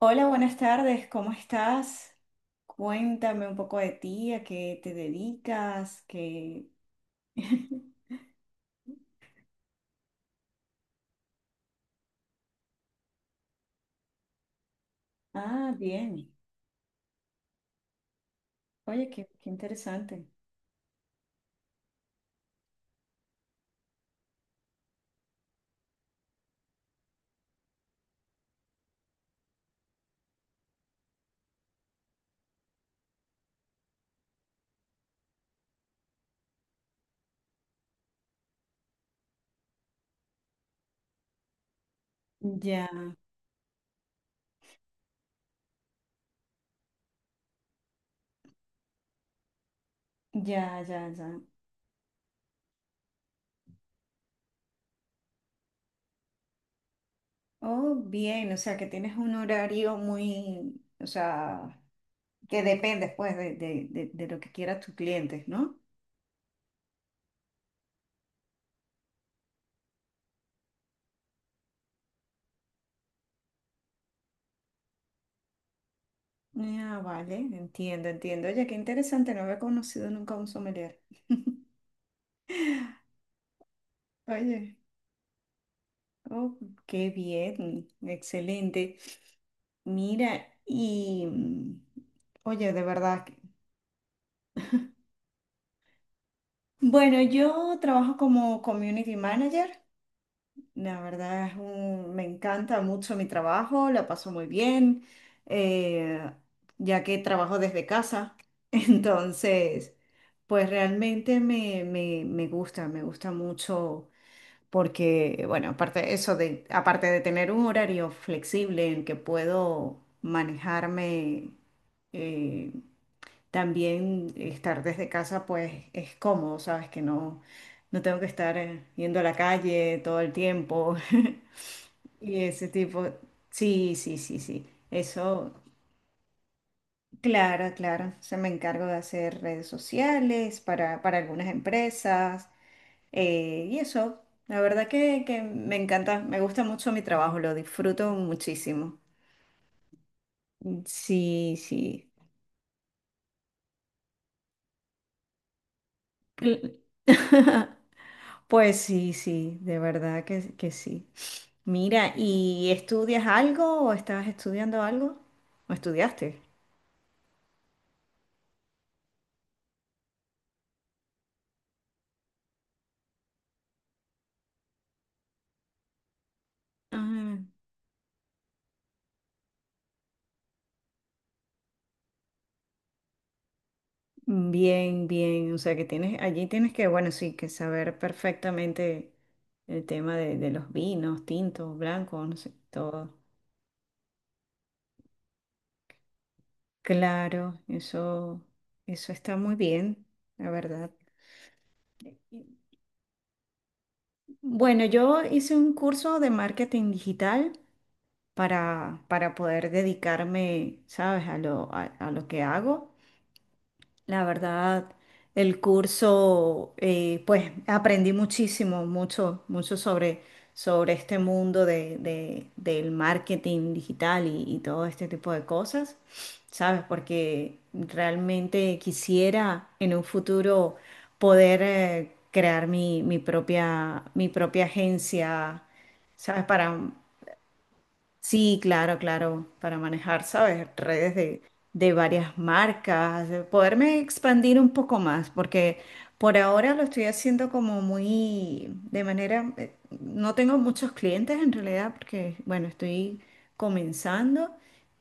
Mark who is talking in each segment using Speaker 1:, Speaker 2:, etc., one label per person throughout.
Speaker 1: Hola, buenas tardes, ¿cómo estás? Cuéntame un poco de ti, a qué te dedicas, qué... Ah, bien. Oye, qué interesante. Ya, ya, ya, ya. Oh, bien, o sea, que tienes un horario muy, o sea, que depende pues de lo que quieran tus clientes, ¿no? Ah, vale, entiendo, entiendo. Oye, qué interesante, no había conocido nunca a un sommelier. Oye, oh, qué bien, excelente. Mira, oye, de verdad. Bueno, yo trabajo como community manager. La verdad es un, me encanta mucho mi trabajo, la paso muy bien, eh, ya que trabajo desde casa. Entonces, pues realmente me gusta, me gusta mucho porque, bueno, aparte de eso de, aparte de tener un horario flexible en que puedo manejarme. eh, También estar desde casa pues es cómodo, ¿sabes? Que no, no tengo que estar yendo a la calle todo el tiempo. Y ese tipo. Sí, sí, sí, sí. Eso, claro, claro. Se me encargo de hacer redes sociales para algunas empresas, y eso. La verdad que me encanta, me gusta mucho mi trabajo, lo disfruto muchísimo. Sí, sí. Cl- Pues sí, sí, de verdad que sí. Mira, ¿y estudias algo o estabas estudiando algo? ¿O estudiaste? Ah, bien, bien. O sea que tienes, allí tienes que, bueno, sí, que saber perfectamente el tema de los vinos, tintos, blancos, no sé, todo. Claro, eso está muy bien, la verdad. Bueno, yo hice un curso de marketing digital para poder dedicarme, ¿sabes?, a lo, a lo que hago. La verdad, el curso, pues aprendí muchísimo, mucho, mucho sobre, sobre este mundo de del marketing digital y todo este tipo de cosas, ¿sabes? Porque realmente quisiera en un futuro poder crear mi, mi propia agencia, ¿sabes? Para... Sí, claro, claro, para manejar, ¿sabes? Redes de varias marcas, de poderme expandir un poco más, porque por ahora lo estoy haciendo como muy, de manera, no tengo muchos clientes en realidad, porque, bueno, estoy comenzando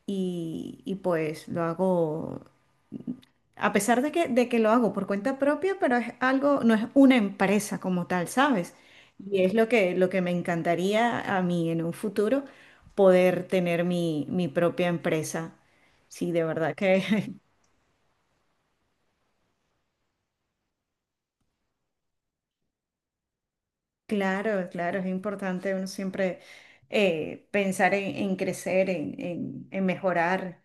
Speaker 1: y pues lo hago, a pesar de que lo hago por cuenta propia, pero es algo, no es una empresa como tal, ¿sabes? Y es lo que me encantaría a mí en un futuro, poder tener mi, mi propia empresa. Sí, de verdad que, claro, claro, es importante uno siempre pensar en crecer, en mejorar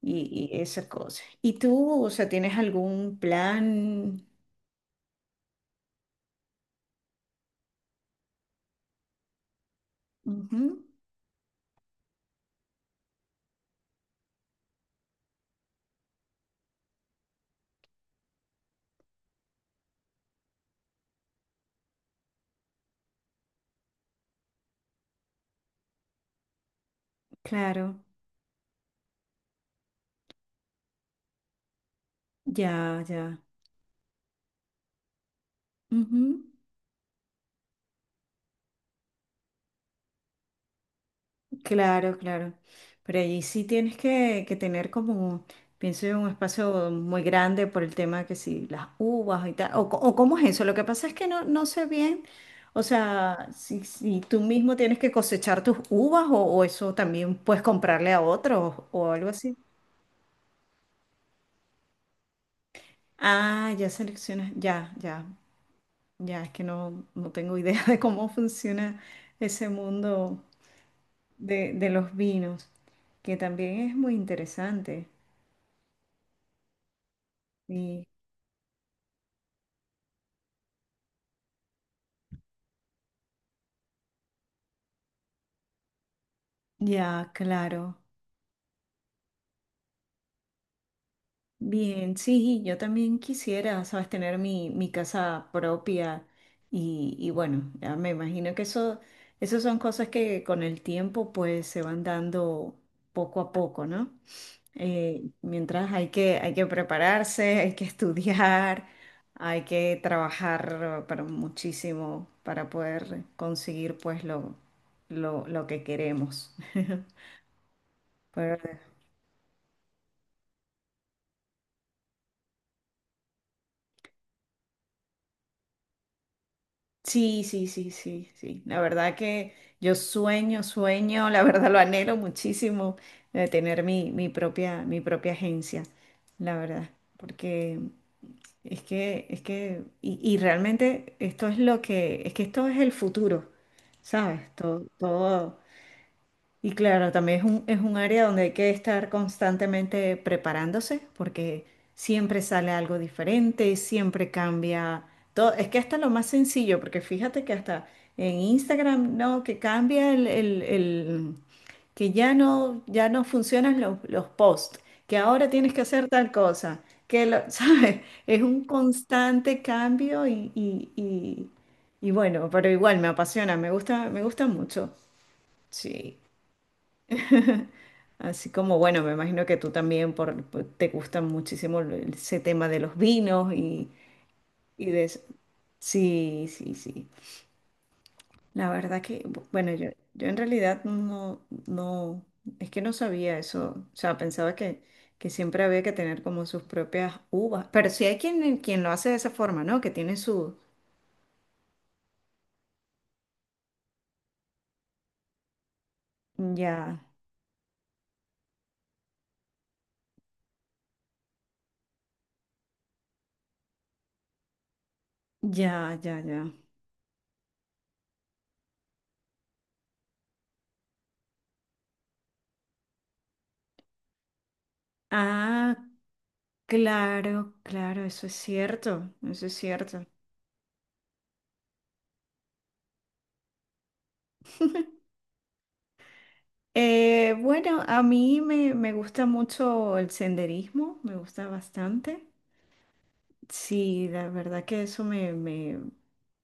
Speaker 1: y esas cosas. ¿Y tú, o sea, tienes algún plan? Ujú, claro, ya, ya. Ujú. Claro, claro. Pero allí sí tienes que tener como, pienso yo, un espacio muy grande por el tema que si las uvas y tal, o cómo es eso. Lo que pasa es que no, no sé bien, o sea, si, si tú mismo tienes que cosechar tus uvas o eso también puedes comprarle a otros o algo así. Ah, ya seleccionas, ya, ya, ya, es que no, no tengo idea de cómo funciona ese mundo de los vinos, que también es muy interesante. Ya, claro. Bien, sí, yo también quisiera, sabes, tener mi, mi casa propia y bueno, ya me imagino que eso son cosas que con el tiempo pues se van dando poco a poco, ¿no? Mientras hay que prepararse, hay que estudiar, hay que trabajar para muchísimo para poder conseguir pues lo que queremos. Pero... Sí, sí, sí, sí, sí. La verdad que yo sueño, sueño, la verdad lo anhelo muchísimo de tener mi, mi propia agencia, la verdad. Porque es que, y realmente esto es lo que, es que esto es el futuro, ¿sabes? Todo, todo. Y claro, también es un área donde hay que estar constantemente preparándose porque siempre sale algo diferente, siempre cambia todo. Es que hasta lo más sencillo, porque fíjate que hasta en Instagram, no, que cambia el que ya no, ya no funcionan los posts, que ahora tienes que hacer tal cosa, que lo, ¿sabes? Es un constante cambio y bueno, pero igual me apasiona, me gusta mucho. Sí. Así como, bueno, me imagino que tú también te gusta muchísimo ese tema de los vinos y de eso. Sí, sí, sí. La verdad que, bueno, yo en realidad no, no, es que no sabía eso. O sea, pensaba que siempre había que tener como sus propias uvas. Pero sí hay quien, quien lo hace de esa forma, ¿no? Que tiene su... Ya, ya, ya, ya. Ah, claro, claro, eso es cierto, eso es cierto. Bueno, a mí me, me gusta mucho el senderismo, me gusta bastante. Sí, la verdad que eso me, me,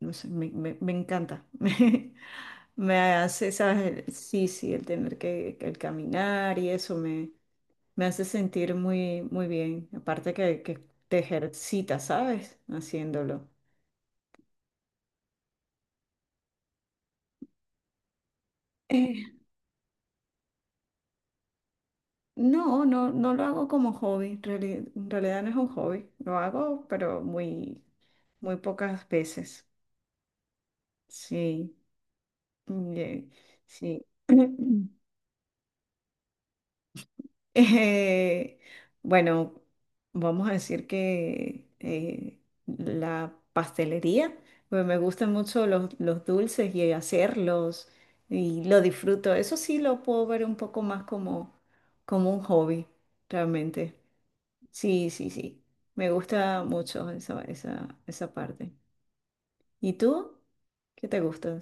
Speaker 1: no sé, me, me encanta. Me hace, ¿sabes? El... Sí, sí, el tener que el caminar y eso me, me hace sentir muy, muy bien. Aparte que te ejercitas, ¿sabes? Haciéndolo. Eh, no, no, no lo hago como hobby. En en realidad no es un hobby. Lo hago, pero muy, muy pocas veces. Sí, bien, sí. Eh, bueno, vamos a decir que la pastelería, pues me gustan mucho los dulces y hacerlos y lo disfruto. Eso sí lo puedo ver un poco más como, como un hobby, realmente. Sí, sí, sí. Me gusta mucho esa, esa, esa parte. ¿Y tú? ¿Qué te gusta?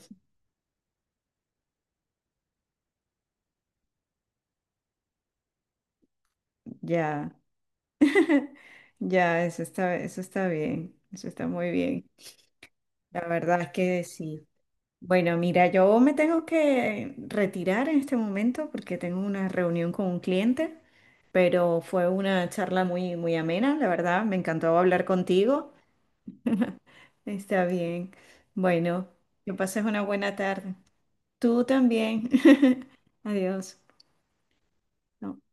Speaker 1: Ya. Ya, eso está bien, eso está muy bien. La verdad es que sí. Bueno, mira, yo me tengo que retirar en este momento porque tengo una reunión con un cliente, pero fue una charla muy, muy amena, la verdad, me encantó hablar contigo. Está bien. Bueno, que pases una buena tarde. Tú también. Adiós.